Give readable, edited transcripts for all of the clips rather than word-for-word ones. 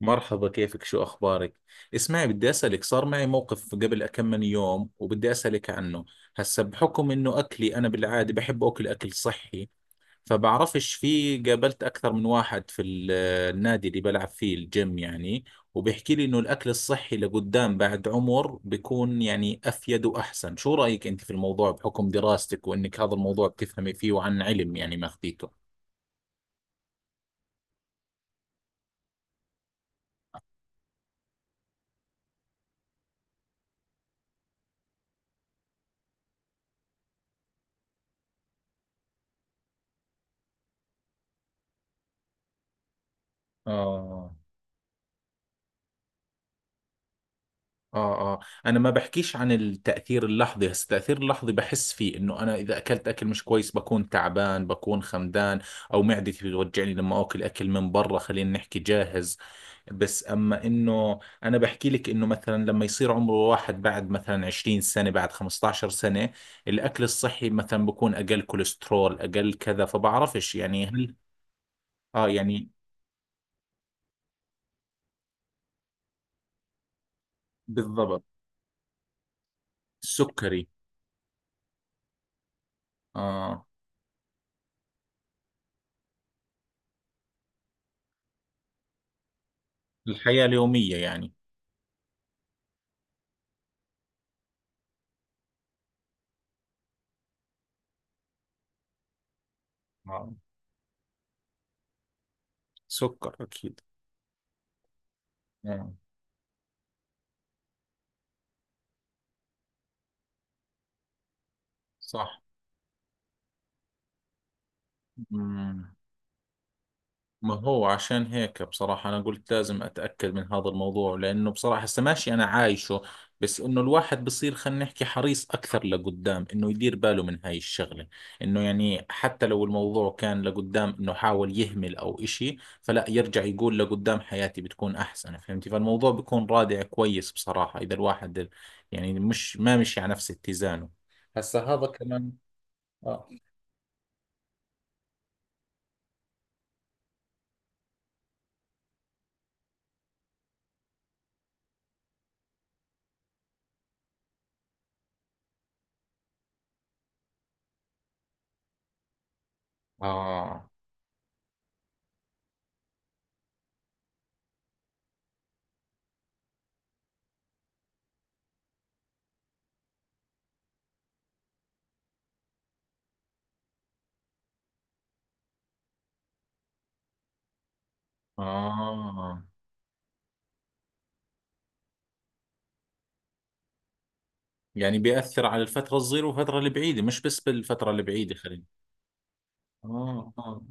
مرحبا، كيفك؟ شو أخبارك؟ اسمعي، بدي أسألك، صار معي موقف قبل كم من يوم وبدي أسألك عنه. هسا بحكم إنه أكلي أنا بالعادة بحب أكل أكل صحي، فبعرفش، في قابلت أكثر من واحد في النادي اللي بلعب فيه الجيم يعني، وبيحكي لي إنه الأكل الصحي لقدام بعد عمر بيكون يعني أفيد وأحسن. شو رأيك أنت في الموضوع بحكم دراستك وإنك هذا الموضوع بتفهمي فيه وعن علم يعني ماخذيته؟ آه. اه. انا ما بحكيش عن التاثير اللحظي، هسه التاثير اللحظي بحس فيه انه انا اذا اكلت اكل مش كويس بكون تعبان، بكون خمدان، او معدتي بتوجعني لما اكل اكل من برا خلينا نحكي جاهز. بس اما انه انا بحكي لك انه مثلا لما يصير عمره واحد بعد مثلا 20 سنه، بعد 15 سنه، الاكل الصحي مثلا بكون اقل كوليسترول اقل كذا، فبعرفش يعني هل. اه يعني بالضبط. السكري. اه. الحياه اليوميه يعني. آه. سكر اكيد. آه. صح. مم. ما هو عشان هيك بصراحة أنا قلت لازم أتأكد من هذا الموضوع، لأنه بصراحة هسه ماشي أنا عايشه، بس إنه الواحد بصير خلينا نحكي حريص أكثر لقدام، إنه يدير باله من هاي الشغلة، إنه يعني حتى لو الموضوع كان لقدام، إنه حاول يهمل أو إشي فلا، يرجع يقول لقدام حياتي بتكون أحسن، فهمتي؟ فالموضوع بيكون رادع كويس بصراحة إذا الواحد يعني مش ما مشي على نفس اتزانه. هسه هذا كمان. آه. آه. آه يعني بيأثر على الفترة الصغيرة والفترة البعيدة، مش بس بالفترة البعيدة خلينا. آه آه.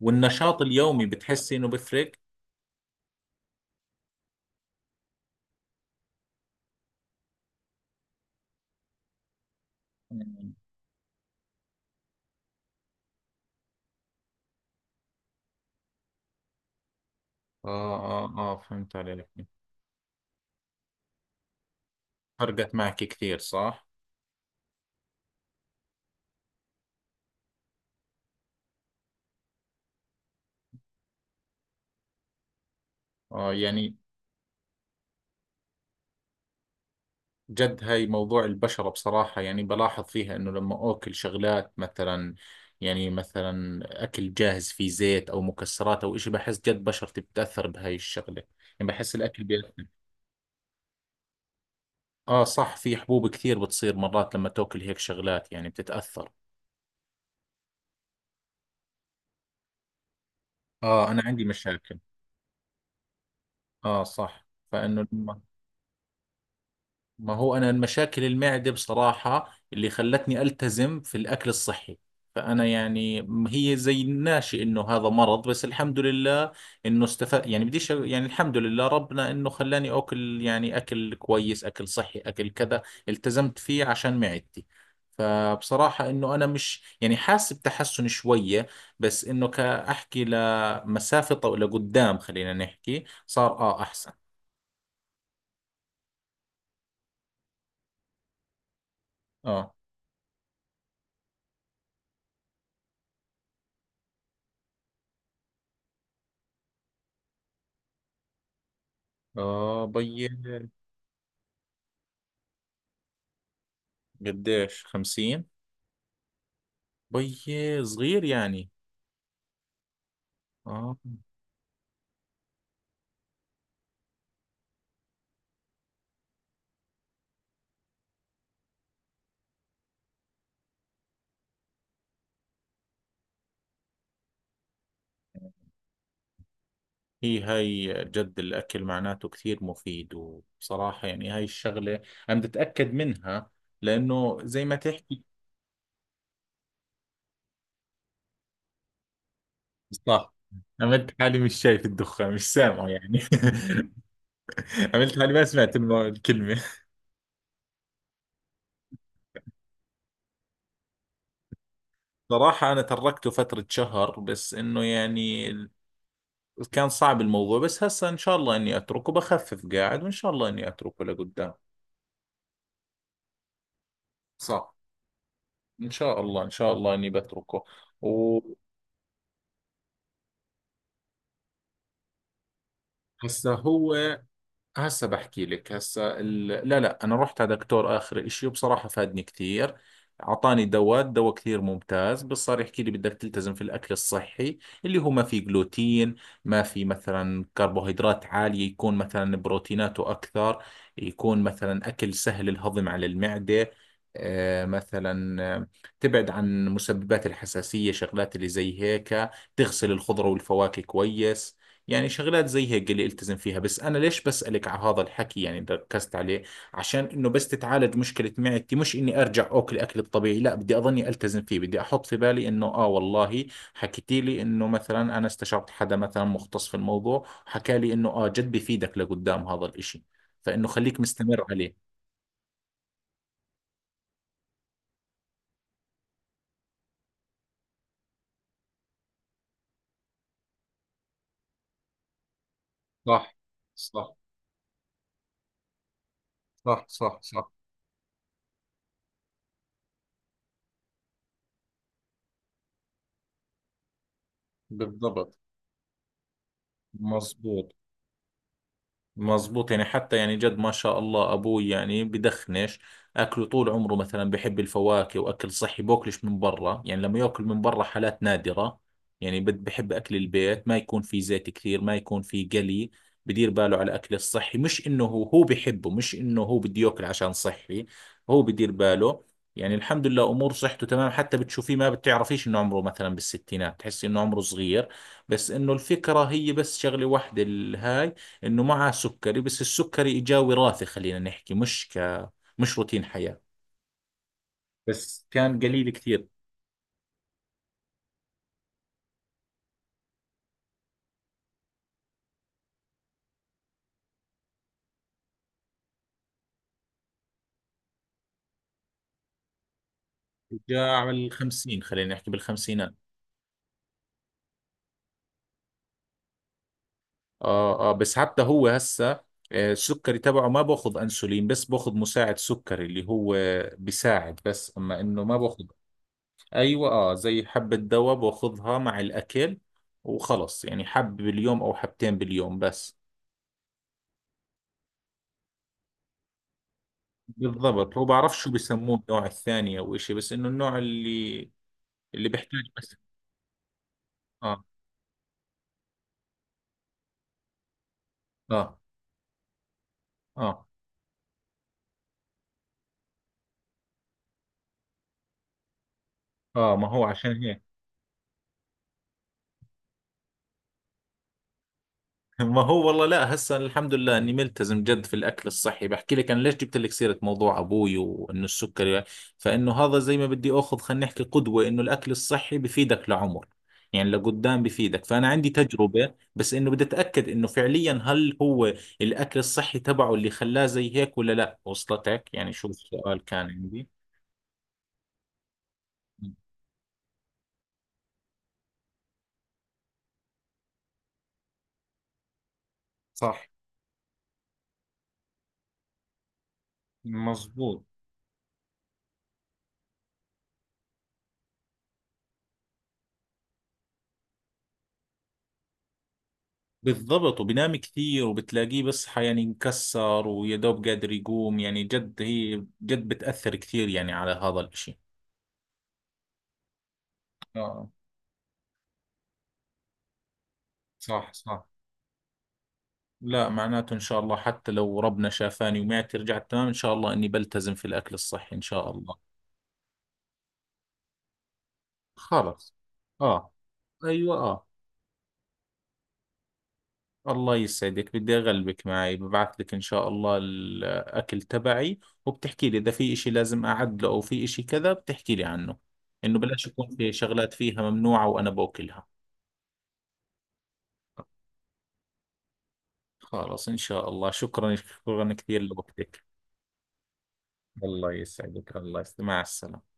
والنشاط اليومي بتحسي إنه بفرق؟ مم. آه آه آه. فهمت عليك. فرقت معك كثير صح؟ آه يعني. جد هاي موضوع البشرة بصراحة يعني بلاحظ فيها إنه لما أكل شغلات مثلا، يعني مثلا أكل جاهز فيه زيت أو مكسرات أو إشي، بحس جد بشرتي بتأثر بهاي الشغلة، يعني بحس الأكل بيأثر. اه صح، في حبوب كثير بتصير مرات لما تاكل هيك شغلات، يعني بتتأثر. اه انا عندي مشاكل. اه صح، فانه لما. ما هو أنا المشاكل المعدة بصراحة اللي خلتني ألتزم في الأكل الصحي. فأنا يعني هي زي ناشئ إنه هذا مرض، بس الحمد لله إنه استفاد، يعني بديش يعني، الحمد لله ربنا إنه خلاني أكل يعني أكل كويس، أكل صحي، أكل كذا. التزمت فيه عشان معدتي، فبصراحة إنه أنا مش يعني حاسس بتحسن شوية، بس إنه كأحكي لمسافة لقدام خلينا نحكي، صار آه أحسن. آه آه. بيي. قديش؟ 50؟ بي صغير يعني. آه. هي هاي جد الأكل معناته كثير مفيد، وبصراحة يعني هاي الشغلة أنا بتأكد منها، لأنه زي ما تحكي. صح. عملت حالي مش شايف الدخان، مش سامعه يعني. عملت حالي ما سمعت الكلمة. صراحة أنا تركته فترة شهر، بس إنه يعني كان صعب الموضوع، بس هسا إن شاء الله إني أتركه، بخفف قاعد وإن شاء الله إني أتركه لقدام. صح. ان شاء الله، ان شاء الله اني بتركه. و، هسا هو، هسه بحكي لك، لا لا، انا رحت على دكتور اخر اشي وبصراحة فادني كثير. اعطاني دواء كثير ممتاز، بس صار يحكي لي بدك تلتزم في الاكل الصحي، اللي هو ما في جلوتين، ما في مثلا كربوهيدرات عالية، يكون مثلا بروتيناته اكثر، يكون مثلا اكل سهل الهضم على المعدة، آه مثلا آه، تبعد عن مسببات الحساسية، شغلات اللي زي هيك، تغسل الخضرة والفواكه كويس، يعني شغلات زي هيك اللي التزم فيها. بس انا ليش بسألك على هذا الحكي يعني ركزت عليه، عشان انه بس تتعالج مشكلة معدتي، مش اني ارجع اكل اكل الطبيعي، لا بدي اظني التزم فيه، بدي احط في بالي انه اه والله حكيتي لي انه مثلا انا استشرت حدا مثلا مختص في الموضوع حكى لي انه اه جد بفيدك لقدام هذا الاشي، فانه خليك مستمر عليه. صح صح صح. صح صح. بالضبط. مظبوط. مزبوط يعني، حتى يعني جد ما شاء الله ابوي يعني بدخنش، اكله طول عمره مثلا بحب الفواكه واكل صحي، بوكلش من برا، يعني لما ياكل من برا حالات نادرة، يعني بحب اكل البيت، ما يكون في زيت كثير، ما يكون في قلي، بدير باله على الاكل الصحي، مش انه هو بحبه، مش انه هو بده ياكل عشان صحي، هو بدير باله. يعني الحمد لله امور صحته تمام، حتى بتشوفيه ما بتعرفيش انه عمره، مثلا بالستينات تحسي انه عمره صغير. بس انه الفكرة هي بس شغلة واحدة الهاي، انه معه سكري، بس السكري اجاه وراثي خلينا نحكي، مش روتين حياة. بس كان قليل كثير. اجاه على الخمسين خلينا نحكي، بالخمسينات. اه اه، بس حتى هو هسه آه، السكري تبعه ما باخذ انسولين، بس باخذ مساعد سكري اللي هو بيساعد، بس اما انه ما باخذ. ايوه اه، زي حبة دواء باخذها مع الاكل وخلص، يعني حب باليوم او حبتين باليوم بس. بالضبط، هو بعرف شو بيسموه، النوع الثاني او اشي، بس انه النوع اللي بيحتاج بس. اه. اه. اه. اه ما هو عشان هيك. ما هو والله، لا هسه الحمد لله اني ملتزم جد في الاكل الصحي. بحكي لك انا ليش جبت لك سيره موضوع ابوي وانه السكري، فانه هذا زي ما بدي اخذ خلينا نحكي قدوه، انه الاكل الصحي بفيدك لعمر، يعني لقدام بفيدك. فانا عندي تجربه، بس انه بدي اتاكد انه فعليا هل هو الاكل الصحي تبعه اللي خلاه زي هيك ولا لا. وصلتك يعني شو السؤال كان عندي؟ صح. مزبوط. بالضبط، وبنام كثير وبتلاقيه بس يعني مكسر ويا دوب قادر يقوم، يعني جد هي جد بتأثر كثير يعني على هذا الاشي. اه. صح صح. لا معناته ان شاء الله حتى لو ربنا شافاني ومعدتي رجعت تمام، ان شاء الله اني بلتزم في الاكل الصحي ان شاء الله. خلص. اه. ايوه اه. الله يسعدك، بدي أغلبك معي، ببعث لك إن شاء الله الأكل تبعي، وبتحكي لي إذا في إشي لازم أعدله أو في إشي كذا بتحكي لي عنه، إنه بلاش يكون في شغلات فيها ممنوعة وأنا بأكلها. خلاص إن شاء الله، شكرا، شكرا كثير لوقتك. الله يسعدك، الله يسعدك، مع السلامة.